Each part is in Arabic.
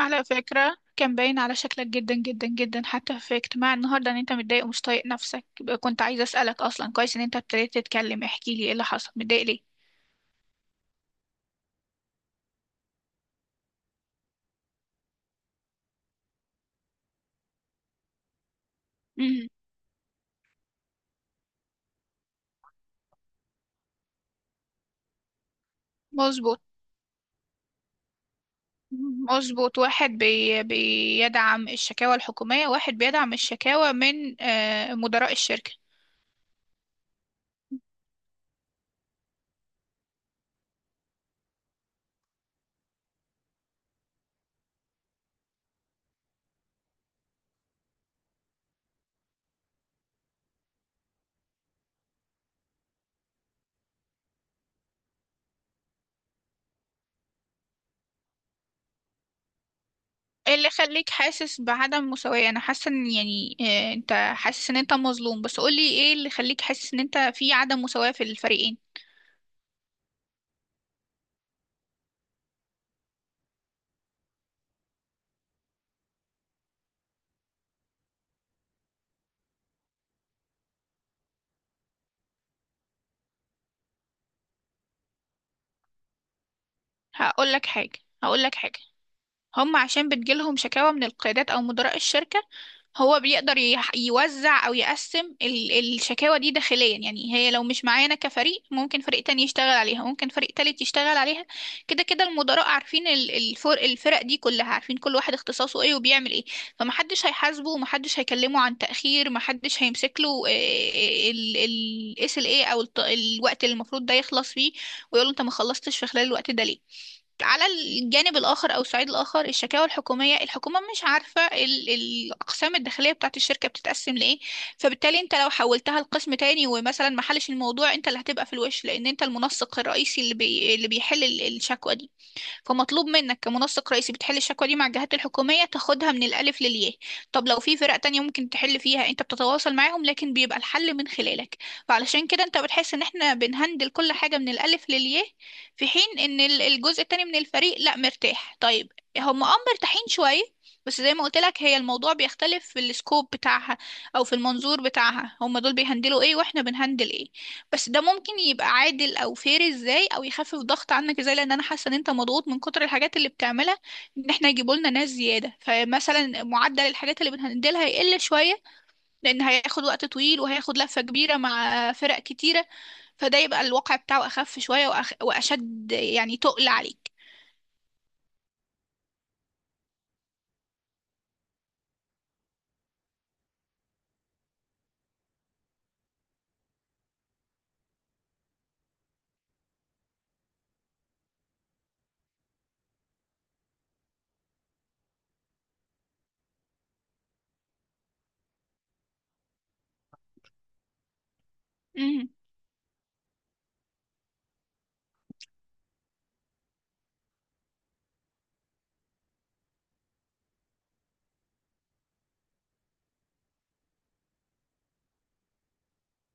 على فكرة، كان باين على شكلك جدا جدا جدا حتى في اجتماع النهاردة ان انت متضايق ومش طايق نفسك، يبقى كنت عايزة اسألك اصلا. كويس ان انت ابتديت تتكلم. احكي لي ايه اللي حصل، متضايق ليه؟ مم. مظبوط، مظبوط، واحد بيدعم الشكاوى الحكومية، واحد بيدعم الشكاوى من مدراء الشركة. ايه اللي خليك حاسس بعدم مساواة؟ انا حاسة ان يعني انت حاسس ان انت مظلوم، بس قولي ايه اللي خليك حاسس ان انت في عدم مساواة في الفريقين. هقول لك حاجة هقول لك حاجة، هم عشان بتجيلهم شكاوى من القيادات أو مدراء الشركة، هو بيقدر يوزع أو يقسم الشكاوى دي داخليا. يعني هي لو مش معانا كفريق، ممكن فريق تاني يشتغل عليها، ممكن فريق تالت يشتغل عليها. كده كده المدراء عارفين الفرق دي كلها، عارفين كل واحد اختصاصه ايه وبيعمل ايه. فمحدش هيحاسبه ومحدش هيكلمه عن تأخير، محدش هيمسك له الاس ال ايه او الوقت اللي المفروض ده يخلص فيه، ويقول له انت ما خلصتش في خلال الوقت ده ليه. على الجانب الآخر أو الصعيد الآخر، الشكاوى الحكومية، الحكومة مش عارفة الأقسام الداخلية بتاعت الشركة بتتقسم لإيه، فبالتالي أنت لو حولتها لقسم تاني ومثلا ما حلش الموضوع، أنت اللي هتبقى في الوش، لأن أنت المنسق الرئيسي اللي اللي بيحل الشكوى دي. فمطلوب منك كمنسق رئيسي بتحل الشكوى دي مع الجهات الحكومية، تاخدها من الألف للياء. طب لو في فرق تانية ممكن تحل فيها، انت بتتواصل معاهم، لكن بيبقى الحل من خلالك. فعلشان كده انت بتحس ان احنا بنهندل كل حاجة من الألف للياء، في حين ان الجزء التاني من الفريق لا، مرتاح. طيب، هم اه مرتاحين شوية، بس زي ما قلت لك، هي الموضوع بيختلف في السكوب بتاعها او في المنظور بتاعها، هم دول بيهندلوا ايه واحنا بنهندل ايه. بس ده ممكن يبقى عادل او فير ازاي، او يخفف ضغط عنك ازاي، لان انا حاسه ان انت مضغوط من كتر الحاجات اللي بتعملها. ان احنا يجيبوا لنا ناس زياده، فمثلا معدل الحاجات اللي بنهندلها هيقل شويه، لان هياخد وقت طويل وهياخد لفه كبيره مع فرق كتيره، فده يبقى الواقع بتاعه اخف شويه واشد، يعني تقل عليك.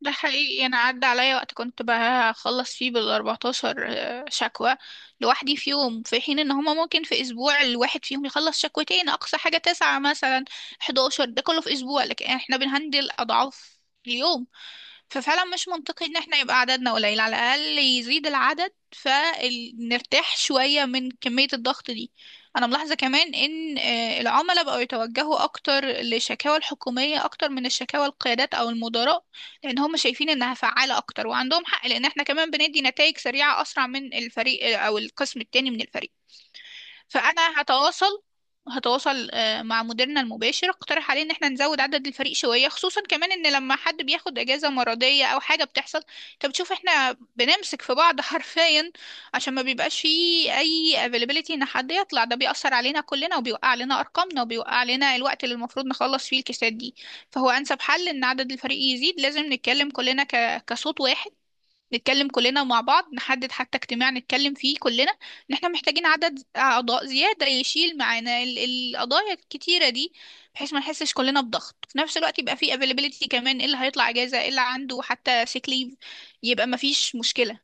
ده حقيقي، انا عدى عليا وقت كنت بخلص فيه بال14 شكوى لوحدي في يوم، في حين ان هما ممكن في اسبوع الواحد فيهم يخلص شكوتين، اقصى حاجة تسعة مثلا، 11، ده كله في اسبوع، لكن احنا بنهندل اضعاف اليوم. ففعلا مش منطقي ان احنا يبقى عددنا قليل، على الاقل يزيد العدد فنرتاح شوية من كمية الضغط دي. انا ملاحظة كمان ان العملاء بقوا يتوجهوا اكتر للشكاوى الحكومية اكتر من الشكاوى القيادات او المدراء، لان هم شايفين انها فعالة اكتر، وعندهم حق، لان احنا كمان بندي نتائج سريعة، اسرع من الفريق او القسم التاني من الفريق. فانا هتواصل، هتواصل مع مديرنا المباشر، اقترح عليه ان احنا نزود عدد الفريق شويه، خصوصا كمان ان لما حد بياخد اجازه مرضيه او حاجه بتحصل، انت بتشوف احنا بنمسك في بعض حرفيا، عشان ما بيبقاش فيه اي availability ان حد يطلع، ده بيأثر علينا كلنا، وبيوقع علينا ارقامنا، وبيوقع علينا الوقت اللي المفروض نخلص فيه الكيسات دي. فهو انسب حل ان عدد الفريق يزيد. لازم نتكلم كلنا كصوت واحد، نتكلم كلنا مع بعض، نحدد حتى اجتماع نتكلم فيه كلنا ان احنا محتاجين عدد اعضاء زيادة يشيل معانا القضايا الكتيرة دي، بحيث ما نحسش كلنا بضغط في نفس الوقت، يبقى في availability كمان، ايه اللي هيطلع اجازة، ايه اللي عنده حتى sick leave، يبقى ما فيش مشكلة.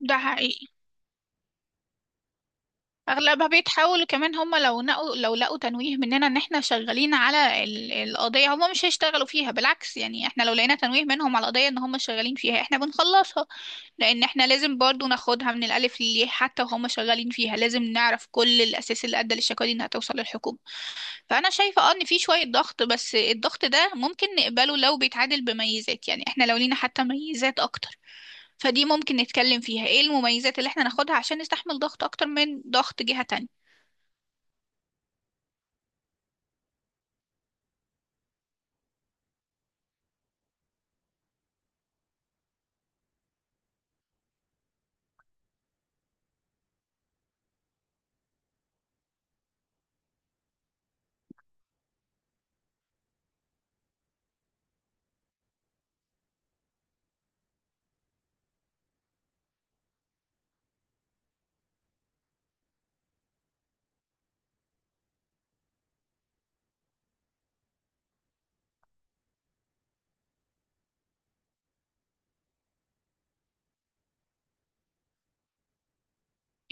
ده حقيقي. اغلبها بيتحاولوا كمان، هم لو نقوا لو لقوا تنويه مننا ان احنا شغالين على القضيه، هم مش هيشتغلوا فيها، بالعكس يعني، احنا لو لقينا تنويه منهم على القضيه ان هم شغالين فيها، احنا بنخلصها، لان احنا لازم برضو ناخدها من الالف للياء. حتى وهم شغالين فيها لازم نعرف كل الاساس اللي ادى للشكوى دي انها توصل للحكومه. فانا شايفه اه ان في شويه ضغط، بس الضغط ده ممكن نقبله لو بيتعادل بميزات. يعني احنا لو لينا حتى ميزات اكتر، فدي ممكن نتكلم فيها، ايه المميزات اللي احنا ناخدها عشان نستحمل ضغط اكتر من ضغط جهه تانية.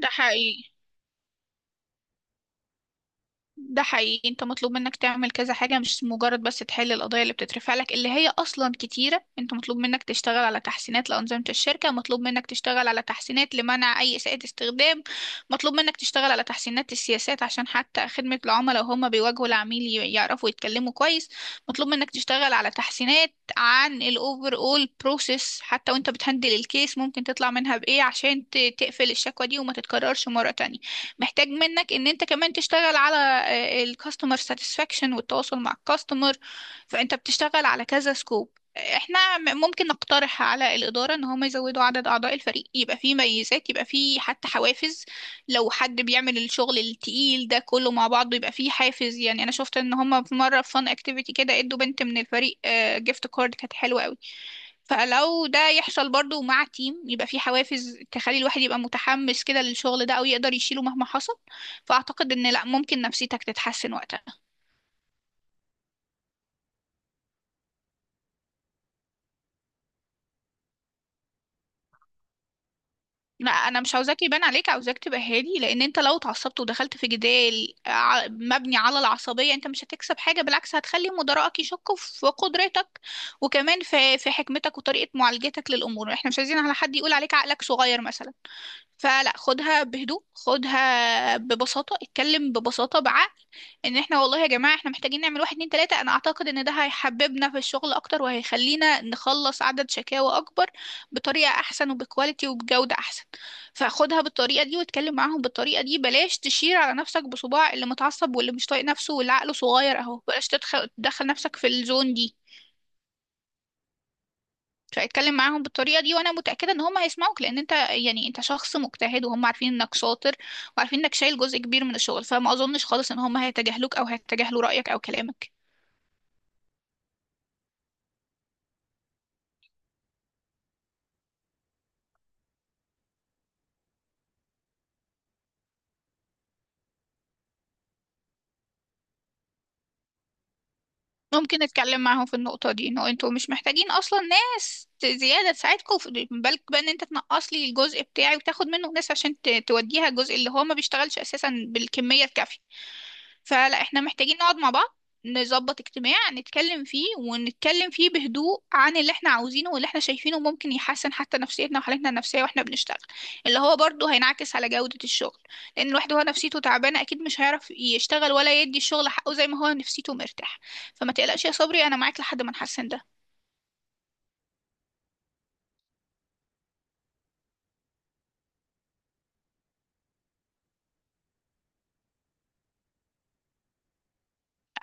ده حقيقي. ده حقيقي، انت مطلوب منك تعمل كذا حاجة، مش مجرد بس تحل القضايا اللي بتترفع لك، اللي هي اصلا كتيرة. انت مطلوب منك تشتغل على تحسينات لأنظمة الشركة، مطلوب منك تشتغل على تحسينات لمنع اي إساءة استخدام، مطلوب منك تشتغل على تحسينات السياسات عشان حتى خدمة العملاء وهم بيواجهوا العميل يعرفوا يتكلموا كويس، مطلوب منك تشتغل على تحسينات عن الاوفر اول بروسيس، حتى وانت بتهندل الكيس ممكن تطلع منها بايه عشان تقفل الشكوى دي وما تتكررش مرة تانية. محتاج منك ان انت كمان تشتغل على الكاستمر ساتسفاكشن والتواصل مع الكاستمر. فانت بتشتغل على كذا سكوب. احنا ممكن نقترح على الإدارة ان هم يزودوا عدد اعضاء الفريق، يبقى فيه ميزات، يبقى فيه حتى حوافز. لو حد بيعمل الشغل التقيل ده كله مع بعضه يبقى فيه حافز. يعني انا شفت ان هم في مرة في فان اكتيفيتي كده ادوا بنت من الفريق جيفت كارد كانت حلوة قوي، فلو ده يحصل برضو مع تيم يبقى في حوافز تخلي الواحد يبقى متحمس كده للشغل ده، او يقدر يشيله مهما حصل. فاعتقد ان لا، ممكن نفسيتك تتحسن وقتها. لا، انا مش عاوزاك يبان عليك، عاوزاك تبقى هادي، لان انت لو اتعصبت ودخلت في جدال مبني على العصبية، انت مش هتكسب حاجة، بالعكس هتخلي مدراءك يشكوا في قدرتك، وكمان في حكمتك وطريقة معالجتك للامور. احنا مش عايزين على حد يقول عليك عقلك صغير مثلا. فلا، خدها بهدوء، خدها ببساطة، اتكلم ببساطة، بعقل، ان احنا والله يا جماعة احنا محتاجين نعمل واحد اتنين تلاتة. انا اعتقد ان ده هيحببنا في الشغل اكتر وهيخلينا نخلص عدد شكاوى اكبر، بطريقة احسن، وبكواليتي، وبجودة احسن. فخدها بالطريقة دي واتكلم معاهم بالطريقة دي، بلاش تشير على نفسك بصباع اللي متعصب واللي مش طايق نفسه واللي عقله صغير اهو، بلاش تدخل تدخل نفسك في الزون دي. فاتكلم معاهم بالطريقة دي، وانا متأكدة ان هم هيسمعوك، لان انت يعني انت شخص مجتهد وهم عارفين انك شاطر، وعارفين انك شايل جزء كبير من الشغل، فما اظنش خالص ان هم هيتجاهلوك او هيتجاهلوا رأيك او كلامك. ممكن نتكلم معاهم في النقطة دي، انه انتوا مش محتاجين اصلا ناس زيادة تساعدكم بالك بقى ان انت تنقص لي الجزء بتاعي وتاخد منه ناس عشان توديها الجزء اللي هو ما بيشتغلش اساسا بالكمية الكافية. فلا، احنا محتاجين نقعد مع بعض، نظبط اجتماع نتكلم فيه، ونتكلم فيه بهدوء عن اللي احنا عاوزينه واللي احنا شايفينه ممكن يحسن حتى نفسيتنا وحالتنا النفسية واحنا بنشتغل، اللي هو برضه هينعكس على جودة الشغل، لان الواحد وهو نفسيته تعبانة اكيد مش هيعرف يشتغل ولا يدي الشغل حقه زي ما هو نفسيته مرتاح. فما تقلقش يا صبري، انا معاك لحد ما نحسن ده.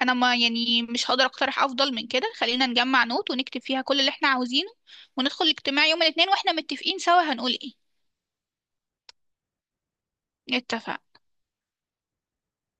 انا ما يعني مش هقدر اقترح افضل من كده، خلينا نجمع نوت ونكتب فيها كل اللي احنا عاوزينه، وندخل الاجتماع يوم الاثنين واحنا متفقين سوا هنقول ايه. اتفق.